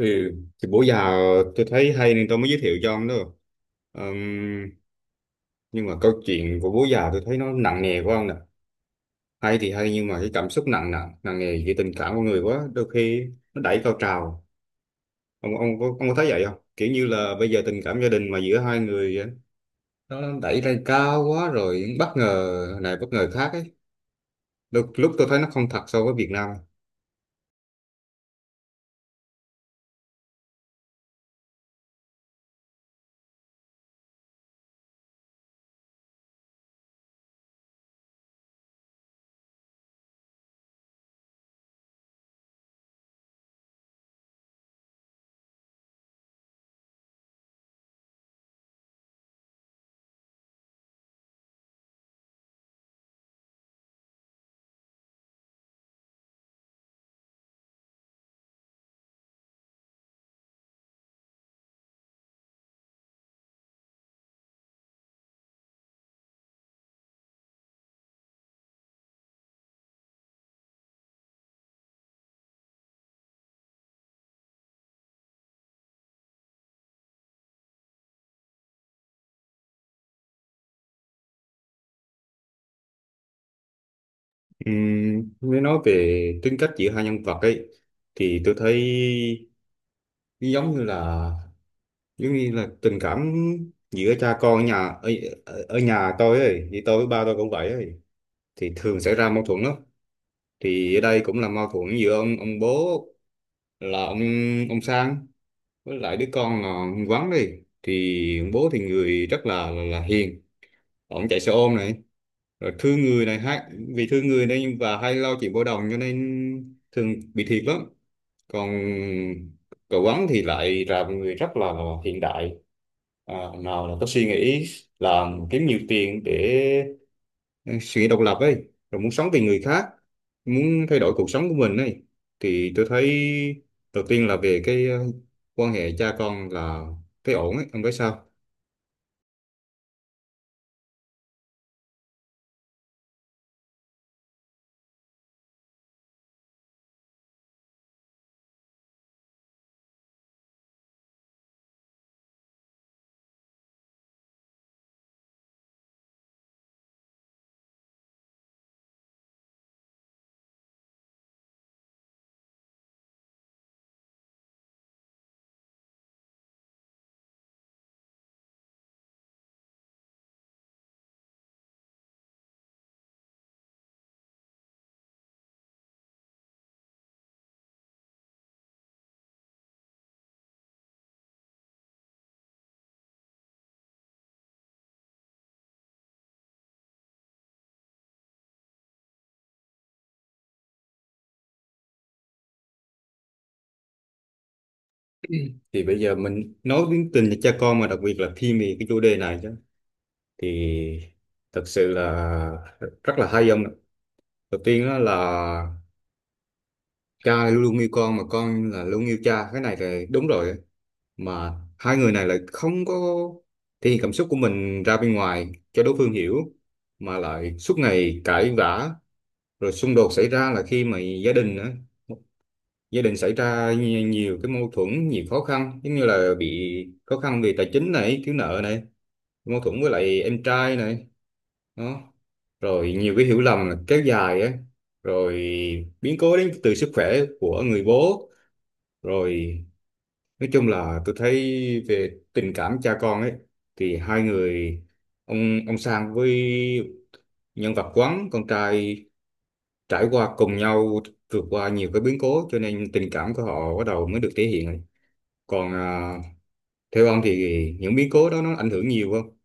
Ừ, thì bữa giờ tôi thấy hay nên tôi mới giới thiệu cho ông đó. Ừm, nhưng mà câu chuyện của Bố Già tôi thấy nó nặng nề quá ông nè. Hay thì hay nhưng mà cái cảm xúc nặng nặng, nặng nề về tình cảm của người quá, đôi khi nó đẩy cao trào. Ông có thấy vậy không? Kiểu như là bây giờ tình cảm gia đình mà giữa hai người á, nó đẩy lên cao quá rồi bất ngờ này bất ngờ khác ấy. Đôi lúc tôi thấy nó không thật so với Việt Nam. Nếu nói về tính cách giữa hai nhân vật ấy thì tôi thấy giống như là giống như là tình cảm giữa cha con ở, ở nhà tôi ấy, thì tôi với ba tôi cũng vậy ấy, thì thường xảy ra mâu thuẫn lắm. Thì ở đây cũng là mâu thuẫn giữa ông bố là ông Sang với lại đứa con là ông Quán đi. Thì ông bố thì người rất là hiền, ông chạy xe ôm này, rồi thương người này, hay vì thương người nên và hay lo chuyện bao đồng cho nên thường bị thiệt lắm. Còn cậu Ấn thì lại là một người rất là hiện đại, nào là có suy nghĩ làm kiếm nhiều tiền, để suy nghĩ độc lập ấy, rồi muốn sống vì người khác, muốn thay đổi cuộc sống của mình ấy. Thì tôi thấy đầu tiên là về cái quan hệ cha con là thấy ổn ấy, ông thấy sao? Thì bây giờ mình nói đến tình cha con mà đặc biệt là khi về cái chủ đề này chứ, thì thật sự là rất là hay ông ạ. Đầu tiên đó là cha luôn luôn yêu con mà con là luôn yêu cha, cái này là đúng rồi. Mà hai người này lại không có thể hiện cảm xúc của mình ra bên ngoài cho đối phương hiểu, mà lại suốt ngày cãi vã. Rồi xung đột xảy ra là khi mà gia đình á, gia đình xảy ra nhiều cái mâu thuẫn, nhiều khó khăn, giống như là bị khó khăn về tài chính này, thiếu nợ này, mâu thuẫn với lại em trai này, đó, rồi nhiều cái hiểu lầm là kéo dài á, rồi biến cố đến từ sức khỏe của người bố. Rồi nói chung là tôi thấy về tình cảm cha con ấy thì hai người, ông Sang với nhân vật Quán con trai, trải qua cùng nhau, vượt qua nhiều cái biến cố cho nên tình cảm của họ bắt đầu mới được thể hiện ấy. Còn theo ông thì những biến cố đó nó ảnh hưởng nhiều không?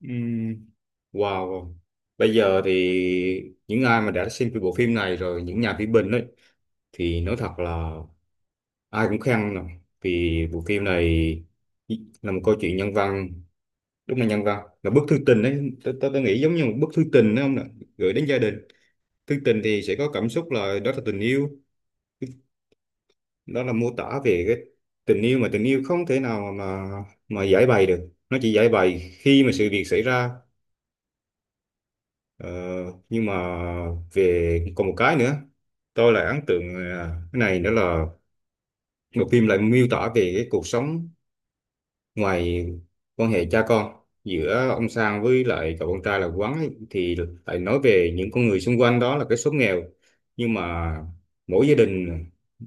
Ừm, wow. Bây giờ thì những ai mà đã xem cái bộ phim này rồi, những nhà phê bình ấy, thì nói thật là ai cũng khen nè, vì bộ phim này là một câu chuyện nhân văn. Đúng là nhân văn, là bức thư tình đấy, tôi nghĩ giống như một bức thư tình đấy không nè, gửi đến gia đình. Thư tình thì sẽ có cảm xúc, là đó là tình yêu, đó là mô tả về cái tình yêu, mà tình yêu không thể nào mà giải bày được, nó chỉ giải bày khi mà sự việc xảy ra. ờ, nhưng mà về còn một cái nữa tôi lại ấn tượng, cái này đó là bộ phim lại miêu tả về cái cuộc sống ngoài quan hệ cha con giữa ông Sang với lại cậu con trai là Quán ấy, thì lại nói về những con người xung quanh, đó là cái số nghèo, nhưng mà mỗi gia đình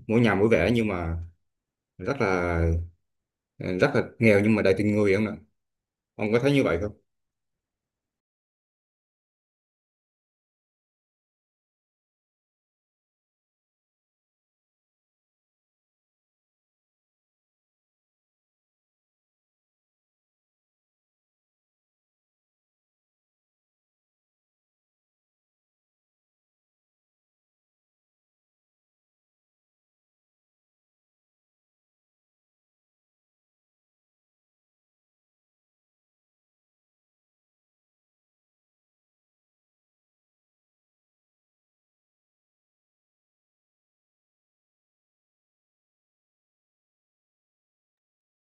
mỗi nhà mỗi vẻ, nhưng mà rất là rất là nghèo nhưng mà đầy tình người không ạ? Ông có thấy như vậy không?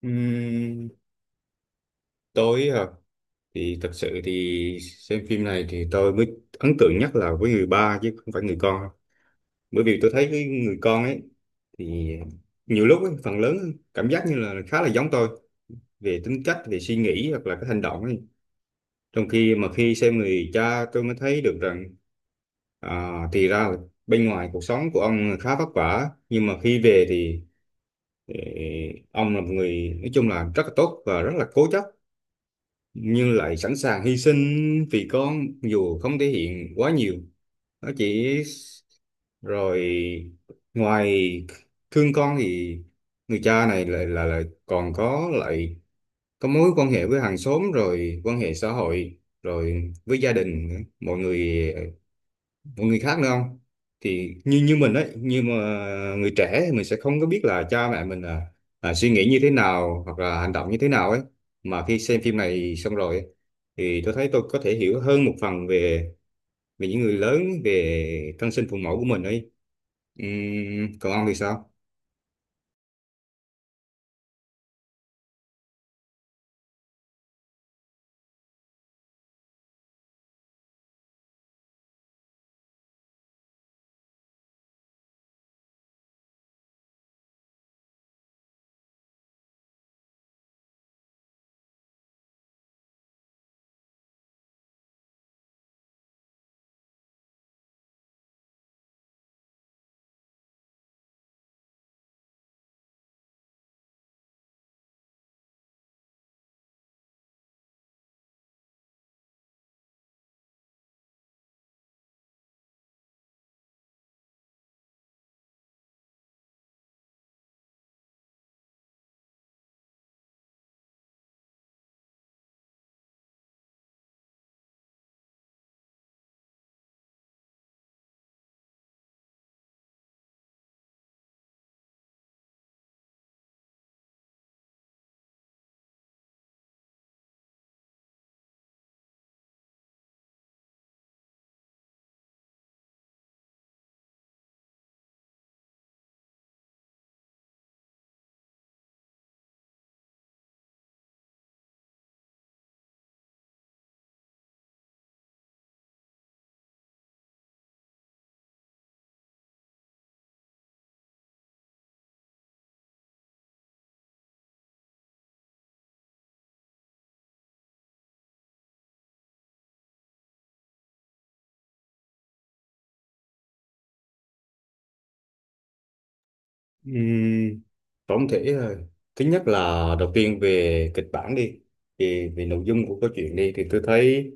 Ừm, tôi thì thật sự thì xem phim này thì tôi mới ấn tượng nhất là với người ba chứ không phải người con. Bởi vì tôi thấy cái người con ấy thì nhiều lúc ấy, phần lớn cảm giác như là khá là giống tôi về tính cách, về suy nghĩ hoặc là cái hành động ấy. Trong khi mà khi xem người cha, tôi mới thấy được rằng, à, thì ra là bên ngoài cuộc sống của ông khá vất vả, nhưng mà khi về thì ờ, ông là một người nói chung là rất là tốt và rất là cố chấp, nhưng lại sẵn sàng hy sinh vì con dù không thể hiện quá nhiều. Nó chỉ rồi ngoài thương con thì người cha này lại còn có mối quan hệ với hàng xóm, rồi quan hệ xã hội, rồi với gia đình nữa, mọi người khác nữa không. Thì như như mình ấy, như mà người trẻ thì mình sẽ không có biết là cha mẹ mình là suy nghĩ như thế nào hoặc là hành động như thế nào ấy. Mà khi xem phim này xong rồi ấy, thì tôi thấy tôi có thể hiểu hơn một phần về về những người lớn, về thân sinh phụ mẫu của mình ấy. Còn ông thì sao? Ừm, Tổng thể thứ nhất là, đầu tiên về kịch bản đi, thì về nội dung của câu chuyện đi thì tôi thấy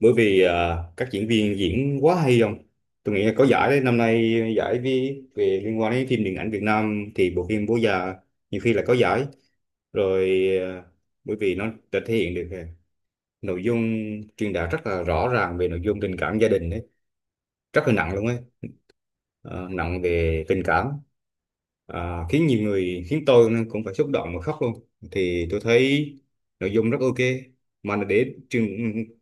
bởi vì các diễn viên diễn quá hay không, tôi nghĩ là có giải đấy, năm nay giải về liên quan đến phim điện ảnh Việt Nam thì bộ phim Bố Già nhiều khi là có giải rồi. à, Bởi vì nó đã thể hiện được, nội dung truyền đạt rất là rõ ràng về nội dung tình cảm gia đình đấy, rất là nặng luôn ấy. Ờ, Nặng về tình cảm, khiến nhiều người, khiến tôi cũng phải xúc động và khóc luôn. Thì tôi thấy nội dung rất ok. Mà để truyền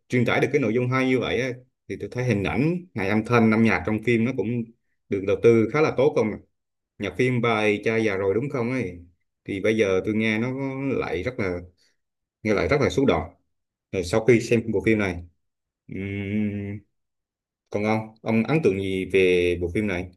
truyền tải được cái nội dung hay như vậy á, thì tôi thấy hình ảnh hay âm thanh âm nhạc trong phim nó cũng được đầu tư khá là tốt không. Nhạc phim bài cha già rồi đúng không ấy, thì bây giờ tôi lại rất là nghe lại rất là xúc động rồi sau khi xem bộ phim này. ừm, Còn ông ấn tượng gì về bộ phim này?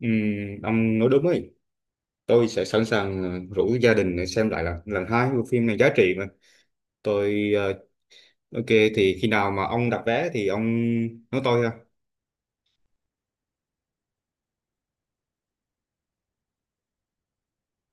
Ông nói đúng ấy, tôi sẽ sẵn sàng rủ gia đình để xem lại lần lần hai bộ phim này giá trị mà. Tôi ok. Thì khi nào mà ông đặt vé thì ông nói tôi ha.